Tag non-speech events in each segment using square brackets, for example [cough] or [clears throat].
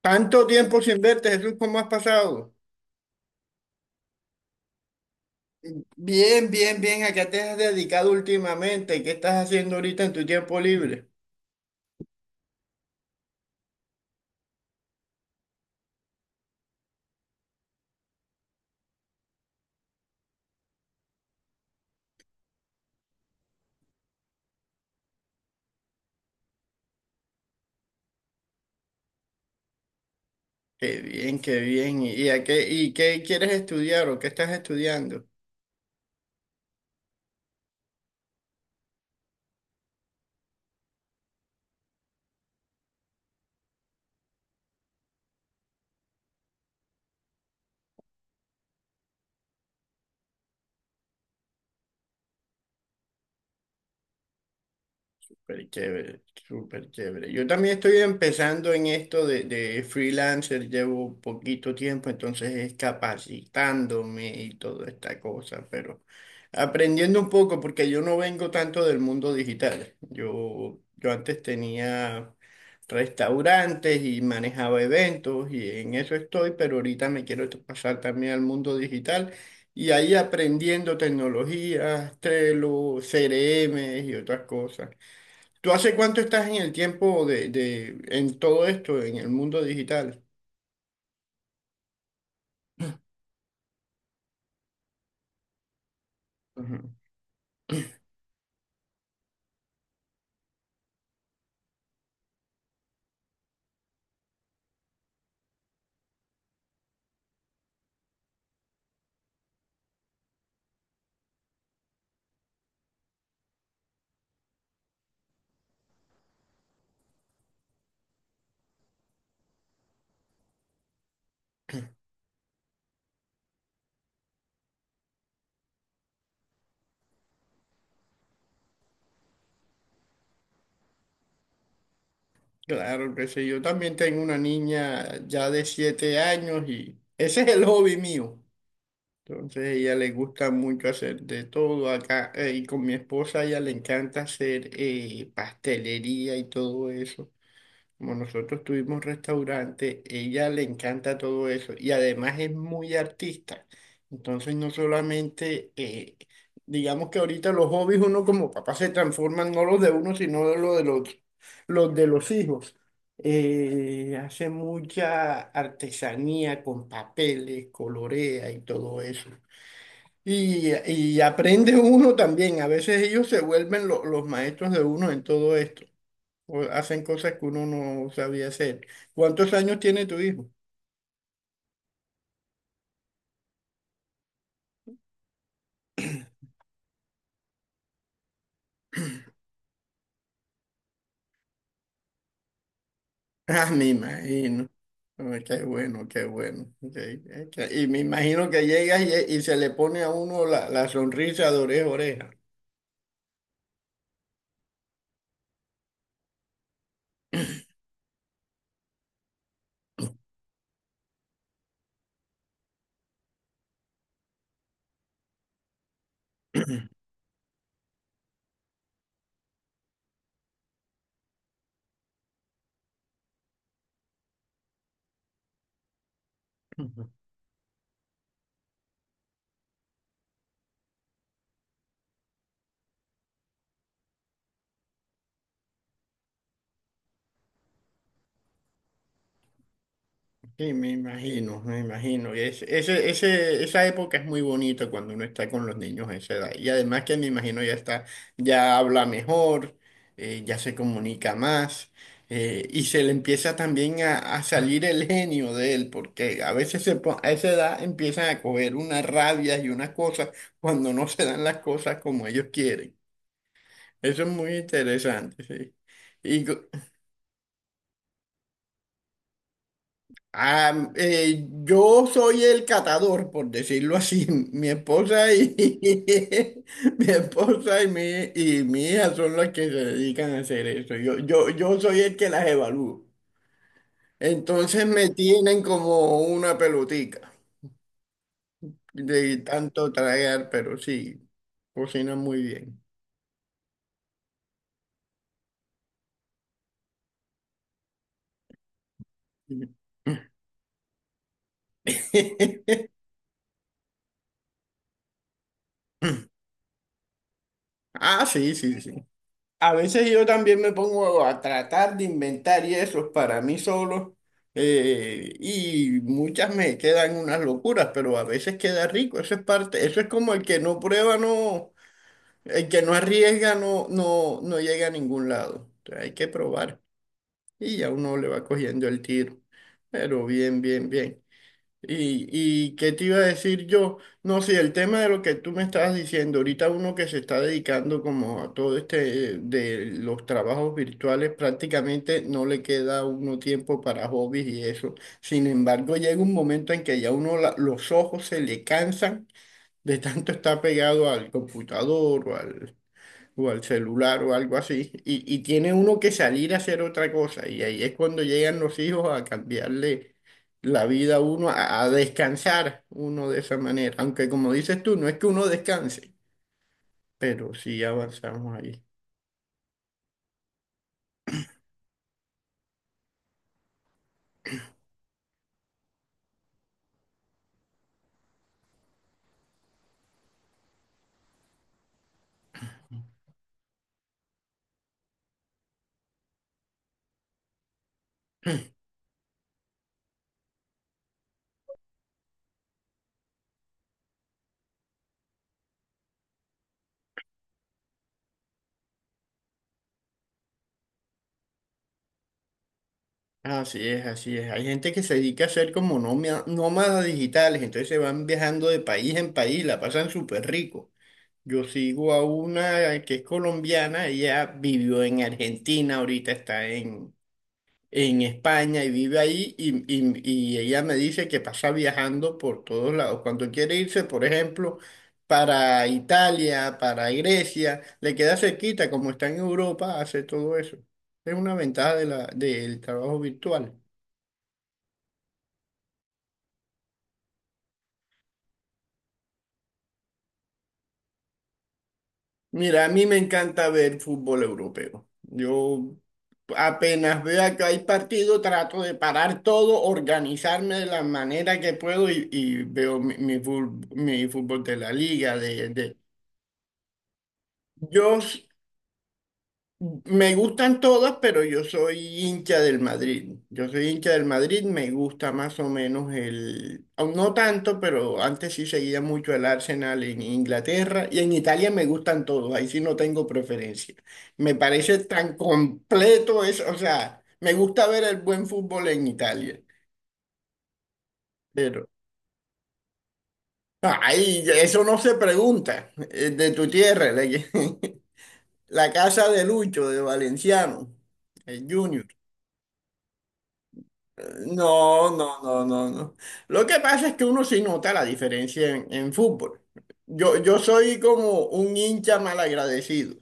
Tanto tiempo sin verte, Jesús, ¿cómo has pasado? Bien, bien, bien. ¿A qué te has dedicado últimamente? ¿Qué estás haciendo ahorita en tu tiempo libre? Qué bien, qué bien. ¿Y qué quieres estudiar o qué estás estudiando? Súper chévere, súper chévere. Yo también estoy empezando en esto de freelancer, llevo poquito tiempo, entonces es capacitándome y toda esta cosa, pero aprendiendo un poco porque yo no vengo tanto del mundo digital. Yo antes tenía restaurantes y manejaba eventos y en eso estoy, pero ahorita me quiero pasar también al mundo digital. Y ahí aprendiendo tecnologías, Trello, CRM y otras cosas. ¿Tú hace cuánto estás en el tiempo en todo esto, en el mundo digital? Ujú. Claro que sí, yo también tengo una niña ya de 7 años y ese es el hobby mío. Entonces a ella le gusta mucho hacer de todo acá y con mi esposa a ella le encanta hacer pastelería y todo eso. Como nosotros tuvimos restaurante, ella le encanta todo eso y además es muy artista. Entonces no solamente, digamos que ahorita los hobbies uno como papá se transforman no los de uno, sino de los de los hijos. Hace mucha artesanía con papeles, colorea y todo eso. Y aprende uno también. A veces ellos se vuelven los maestros de uno en todo esto o hacen cosas que uno no sabía hacer. ¿Cuántos años tiene tu hijo? [laughs] Ah, me imagino. Ay, qué bueno, qué bueno. Ok, ok. Y me imagino que llega y se le pone a uno la sonrisa de oreja a oreja. Sí, me imagino, me imagino. Y esa época es muy bonita cuando uno está con los niños a esa edad. Y además que me imagino ya está, ya habla mejor, ya se comunica más, y se le empieza también a salir el genio de él, porque a veces a esa edad empiezan a coger unas rabias y unas cosas cuando no se dan las cosas como ellos quieren. Eso es muy interesante, sí. Ah, yo soy el catador, por decirlo así. [laughs] Mi esposa y [laughs] mi esposa y mi hija son las que se dedican a hacer eso. Yo soy el que las evalúo. Entonces me tienen como una pelotica de tanto tragar, pero sí, cocinan muy bien. [laughs] Ah, sí, sí, sí. A veces yo también me pongo a tratar de inventar y eso para mí solo, y muchas me quedan unas locuras, pero a veces queda rico, eso es parte, eso es como el que no prueba, no, el que no arriesga no, no, no llega a ningún lado. O sea, hay que probar y ya uno le va cogiendo el tiro, pero bien, bien, bien. Y qué te iba a decir yo, no sé, el tema de lo que tú me estabas diciendo, ahorita uno que se está dedicando como a todo este de los trabajos virtuales, prácticamente no le queda a uno tiempo para hobbies y eso. Sin embargo, llega un momento en que ya uno los ojos se le cansan de tanto estar pegado al computador o al celular o algo así, y tiene uno que salir a hacer otra cosa, y ahí es cuando llegan los hijos a cambiarle la vida a uno, a descansar uno de esa manera, aunque como dices tú, no es que uno descanse, pero sí avanzamos ahí. Así es, así es. Hay gente que se dedica a ser como nómadas digitales, entonces se van viajando de país en país, la pasan súper rico. Yo sigo a una que es colombiana, ella vivió en Argentina, ahorita está en España y vive ahí y ella me dice que pasa viajando por todos lados. Cuando quiere irse, por ejemplo, para Italia, para Grecia, le queda cerquita, como está en Europa, hace todo eso. Es una ventaja de del trabajo virtual. Mira, a mí me encanta ver fútbol europeo. Yo apenas veo que hay partido, trato de parar todo, organizarme de la manera que puedo y veo mi fútbol de la liga, Yo s- me gustan todas, pero yo soy hincha del Madrid. Yo soy hincha del Madrid, me gusta más o menos el, aún no tanto, pero antes sí seguía mucho el Arsenal en Inglaterra y en Italia me gustan todos, ahí sí no tengo preferencia. Me parece tan completo eso, o sea, me gusta ver el buen fútbol en Italia, pero ay, eso no se pregunta, de tu tierra, [laughs] la casa de Lucho, de Valenciano, el Junior. No, no, no, no, no. Lo que pasa es que uno sí nota la diferencia en fútbol. Yo soy como un hincha malagradecido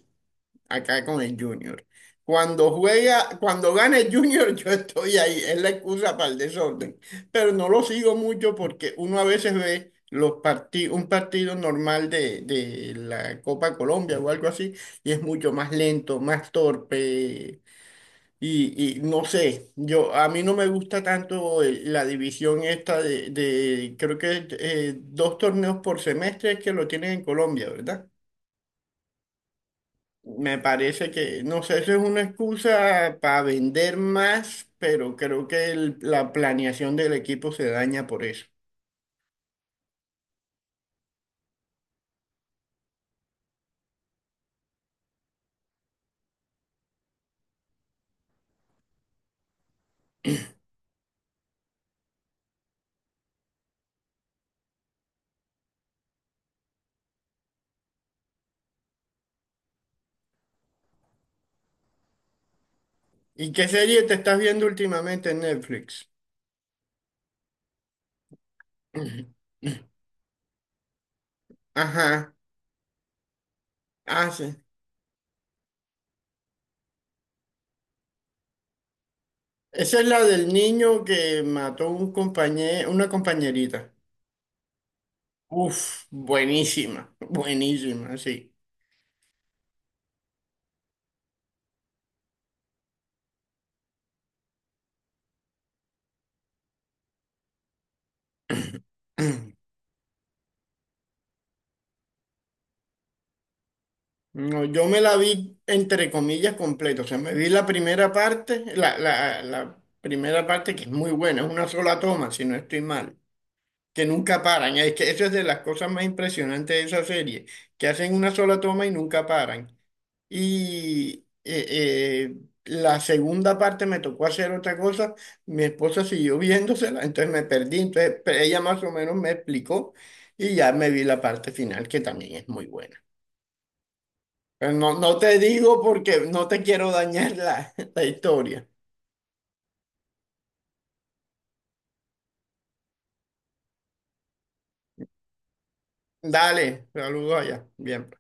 acá con el Junior. Cuando juega, cuando gana el Junior, [laughs] yo estoy ahí. Es la excusa para el desorden. Pero no lo sigo mucho porque uno a veces ve los un partido normal de la Copa Colombia o algo así, y es mucho más lento, más torpe. Y no sé, yo a mí no me gusta tanto la división esta de creo que 2 torneos por semestre es que lo tienen en Colombia, ¿verdad? Me parece que, no sé, eso es una excusa para vender más, pero creo que la planeación del equipo se daña por eso. ¿Y qué serie te estás viendo últimamente en Netflix? [clears throat] Ajá, ah, sí. Esa es la del niño que mató un compañero, una compañerita. Uf, buenísima, buenísima, sí. [clears throat] No, yo me la vi entre comillas completa, o sea, me vi la primera parte, la primera parte que es muy buena, es una sola toma, si no estoy mal, que nunca paran, es que eso es de las cosas más impresionantes de esa serie, que hacen una sola toma y nunca paran. Y eh, eh, la segunda parte me tocó hacer otra cosa. Mi esposa siguió [laughs] viéndosela, entonces me perdí. Entonces ella más o menos me explicó y ya me vi la parte final, que también es muy buena. Pero no, no te digo porque no te quiero dañar la, [laughs] la historia. Dale, saludos allá. Bien.